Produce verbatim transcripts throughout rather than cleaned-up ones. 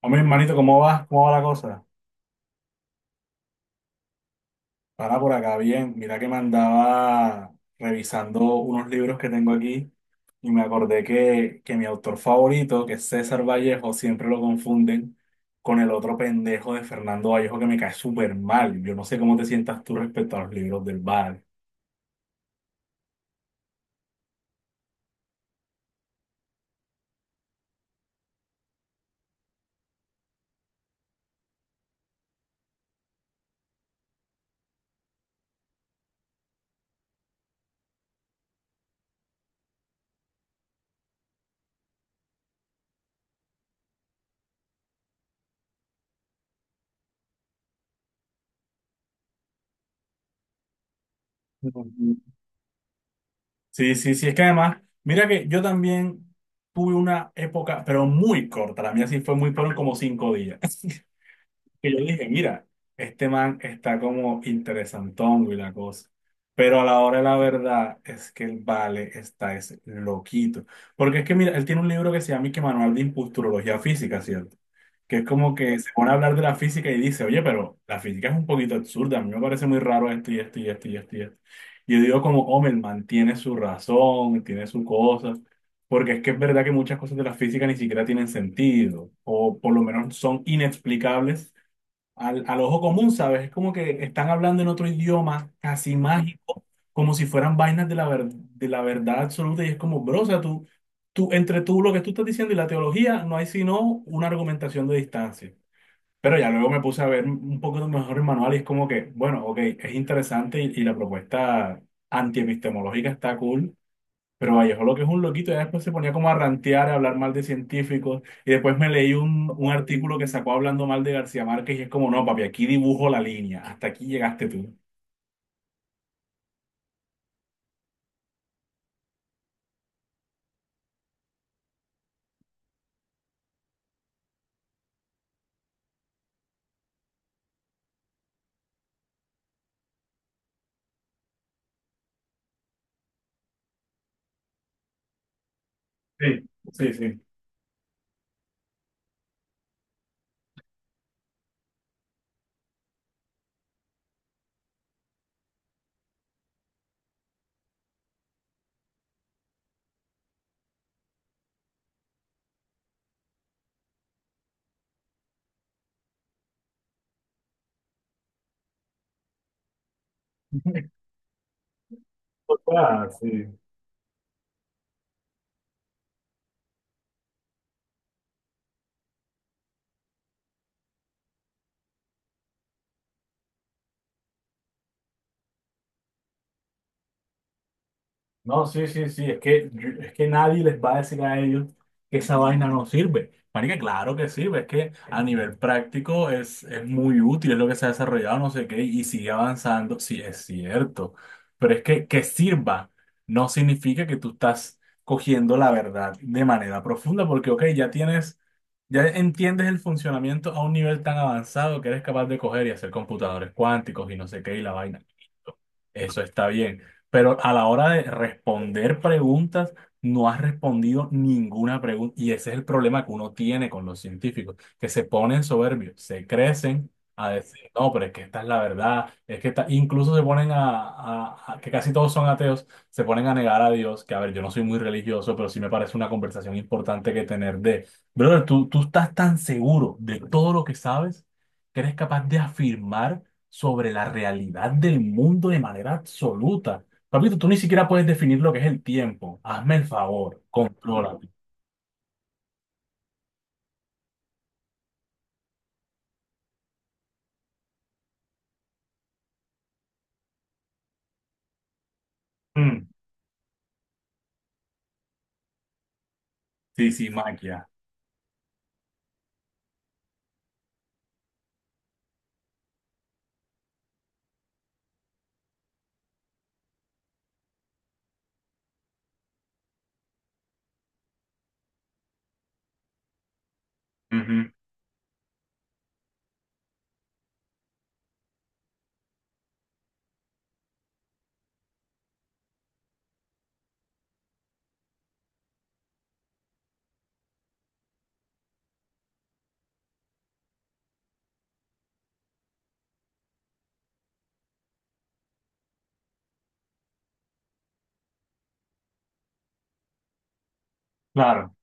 Hombre, hermanito, ¿cómo vas? ¿Cómo va la cosa? Para por acá, bien. Mira que me andaba revisando unos libros que tengo aquí y me acordé que, que mi autor favorito, que es César Vallejo, siempre lo confunden con el otro pendejo de Fernando Vallejo que me cae súper mal. Yo no sé cómo te sientas tú respecto a los libros del Val. Ujú. Sí, sí, sí, es que además, mira que yo también tuve una época, pero muy corta, la mía sí fue muy, fueron como cinco días. Que yo dije, mira, este man está como interesantón y la cosa. Pero a la hora de la verdad es que el Vale está es loquito. Porque es que, mira, él tiene un libro que se llama y que Manual de Impulturología Física, ¿cierto? Que es como que se pone a hablar de la física y dice, oye, pero la física es un poquito absurda, a mí me parece muy raro esto y esto y esto y esto y esto. Y yo digo como, hombre, el man tiene su razón, tiene su cosa. Porque es que es verdad que muchas cosas de la física ni siquiera tienen sentido, o por lo menos son inexplicables al, al ojo común, ¿sabes? Es como que están hablando en otro idioma casi mágico, como si fueran vainas de la, ver- de la verdad absoluta y es como, bro, o sea, tú, tú, entre tú, lo que tú estás diciendo y la teología, no hay sino una argumentación de distancia. Pero ya luego me puse a ver un poco mejor el manual y es como que, bueno, ok, es interesante y, y la propuesta antiepistemológica está cool, pero Vallejo lo que es un loquito, ya después se ponía como a rantear, a hablar mal de científicos, y después me leí un, un artículo que sacó hablando mal de García Márquez, y es como, no, papi, aquí dibujo la línea, hasta aquí llegaste tú. Sí, sí, sí. O sea, sí. No, sí, sí, sí, es que, es que nadie les va a decir a ellos que esa vaina no sirve. Marica, claro que sirve, es que a nivel práctico es, es muy útil, es lo que se ha desarrollado, no sé qué, y sigue avanzando, sí, es cierto. Pero es que que sirva no significa que tú estás cogiendo la verdad de manera profunda, porque, ok, ya tienes ya entiendes el funcionamiento a un nivel tan avanzado que eres capaz de coger y hacer computadores cuánticos y no sé qué y la vaina. Eso está bien. Pero a la hora de responder preguntas, no has respondido ninguna pregunta. Y ese es el problema que uno tiene con los científicos, que se ponen soberbios, se crecen a decir, no, pero es que esta es la verdad. Es que esta-". Incluso se ponen a, a- a- que casi todos son ateos, se ponen a negar a Dios, que a ver, yo no soy muy religioso, pero sí me parece una conversación importante que tener de. Brother, tú, tú estás tan seguro de todo lo que sabes que eres capaz de afirmar sobre la realidad del mundo de manera absoluta. Papito, tú ni siquiera puedes definir lo que es el tiempo. Hazme el favor, contrólate. Mm, sí, sí, maquia. Ujú. Claro.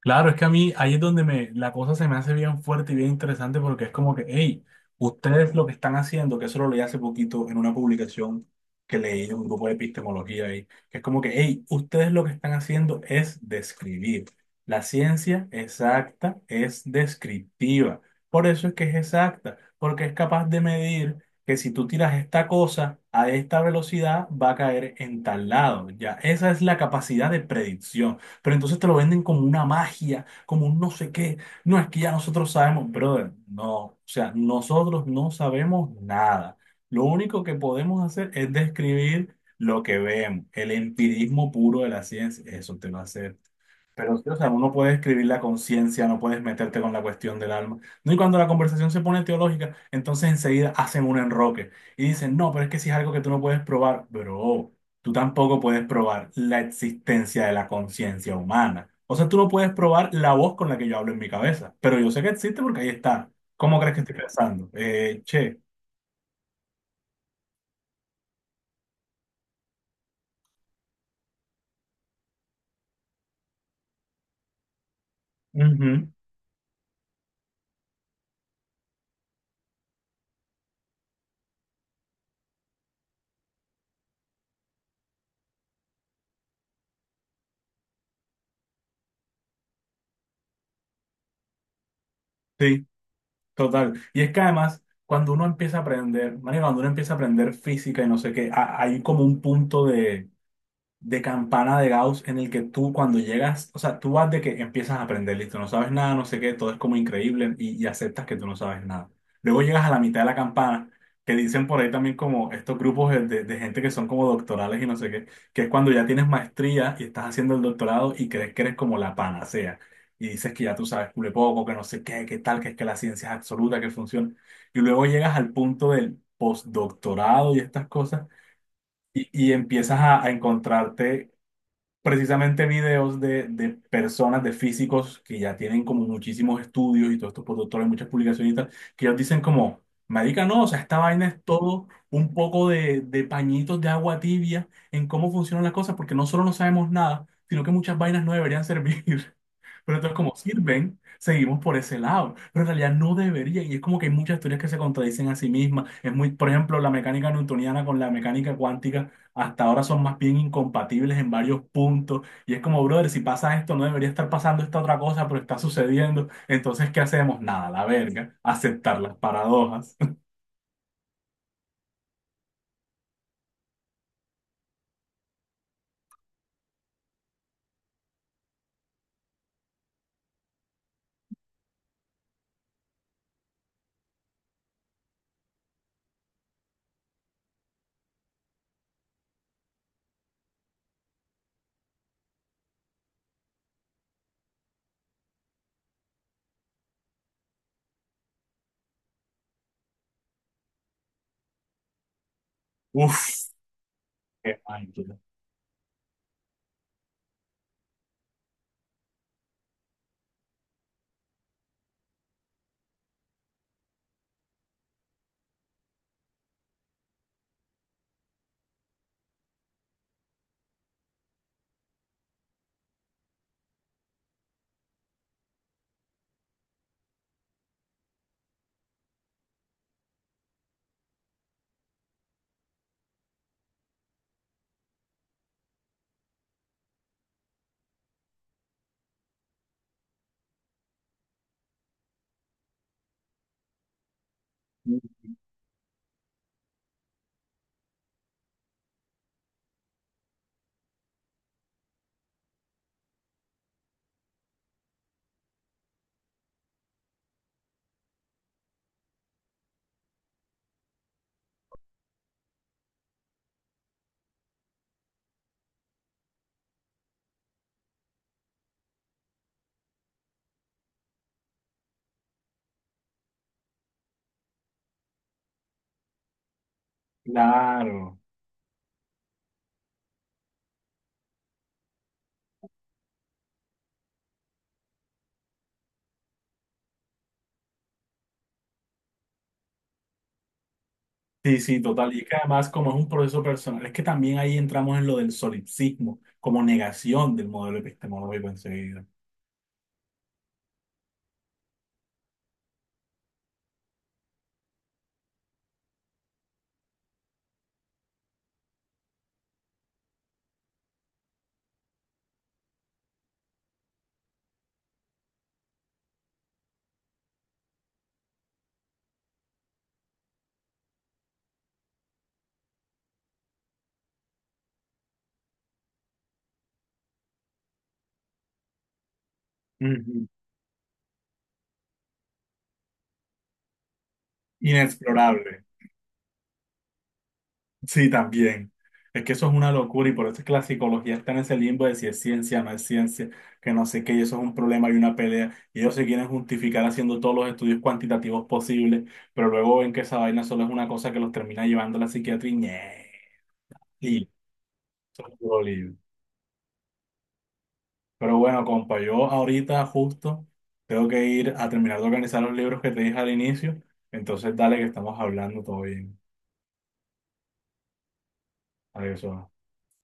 Claro, es que a mí ahí es donde me, la cosa se me hace bien fuerte y bien interesante porque es como que, hey, ustedes lo que están haciendo, que eso lo leí hace poquito en una publicación que leí de un grupo de epistemología ahí, que es como que, hey, ustedes lo que están haciendo es describir. La ciencia exacta es descriptiva. Por eso es que es exacta, porque es capaz de medir que si tú tiras esta cosa a esta velocidad, va a caer en tal lado. Ya, esa es la capacidad de predicción, pero entonces te lo venden como una magia, como un no sé qué. No, es que ya nosotros sabemos, brother, no, o sea, nosotros no sabemos nada. Lo único que podemos hacer es describir lo que vemos, el empirismo puro de la ciencia, eso te lo hace, pero sí, o sea, uno puede escribir la conciencia, no puedes meterte con la cuestión del alma. No, y cuando la conversación se pone teológica, entonces enseguida hacen un enroque y dicen, no, pero es que si es algo que tú no puedes probar, bro, tú tampoco puedes probar la existencia de la conciencia humana. O sea, tú no puedes probar la voz con la que yo hablo en mi cabeza, pero yo sé que existe porque ahí está. ¿Cómo crees que estoy pensando? Eh, che, ujú, sí, total. Y es que además cuando uno empieza a aprender, María, cuando uno empieza a aprender física y no sé qué, ha- hay como un punto de, de campana de Gauss en el que tú cuando llegas, o sea, tú vas de que empiezas a aprender, listo, no sabes nada, no sé qué, todo es como increíble y, y aceptas que tú no sabes nada. Luego llegas a la mitad de la campana, que dicen por ahí también como estos grupos de, de- de gente que son como doctorales y no sé qué, que es cuando ya tienes maestría y estás haciendo el doctorado y crees que eres como la panacea. Y dices que ya tú sabes cule poco, que no sé qué, qué tal, que es que la ciencia es absoluta, que funciona. Y luego llegas al punto del postdoctorado y estas cosas y, y empiezas a, a encontrarte precisamente videos de, de personas, de físicos que ya tienen como muchísimos estudios y todos estos productores, muchas publicaciones y tal, que ellos dicen como, marica, no, o sea, esta vaina es todo un poco de, de pañitos de agua tibia en cómo funcionan las cosas, porque no solo no sabemos nada, sino que muchas vainas no deberían servir. Pero entonces como sirven, seguimos por ese lado. Pero en realidad no deberían. Y es como que hay muchas teorías que se contradicen a sí mismas. Es muy, por ejemplo, la mecánica newtoniana con la mecánica cuántica hasta ahora son más bien incompatibles en varios puntos. Y es como, brother, si pasa esto, no debería estar pasando esta otra cosa, pero está sucediendo. Entonces, ¿qué hacemos? Nada, la verga. Aceptar las paradojas. Uf, qué máquina. Claro. Sí, sí, total. Y es que además, como es un proceso personal, es que también ahí entramos en lo del solipsismo, como negación del modelo epistemológico enseguida. Ujú. Inexplorable. Sí, también. Es que eso es una locura y por eso es que la psicología está en ese limbo de si es ciencia, no es ciencia, que no sé qué, y eso es un problema y una pelea. Y ellos se quieren justificar haciendo todos los estudios cuantitativos posibles, pero luego ven que esa vaina solo es una cosa que los termina llevando a la psiquiatría y ñe, y eso es puro lío. Pero bueno, compa, yo ahorita justo tengo que ir a terminar de organizar los libros que te dije al inicio, entonces dale que estamos hablando todo bien. Adiós.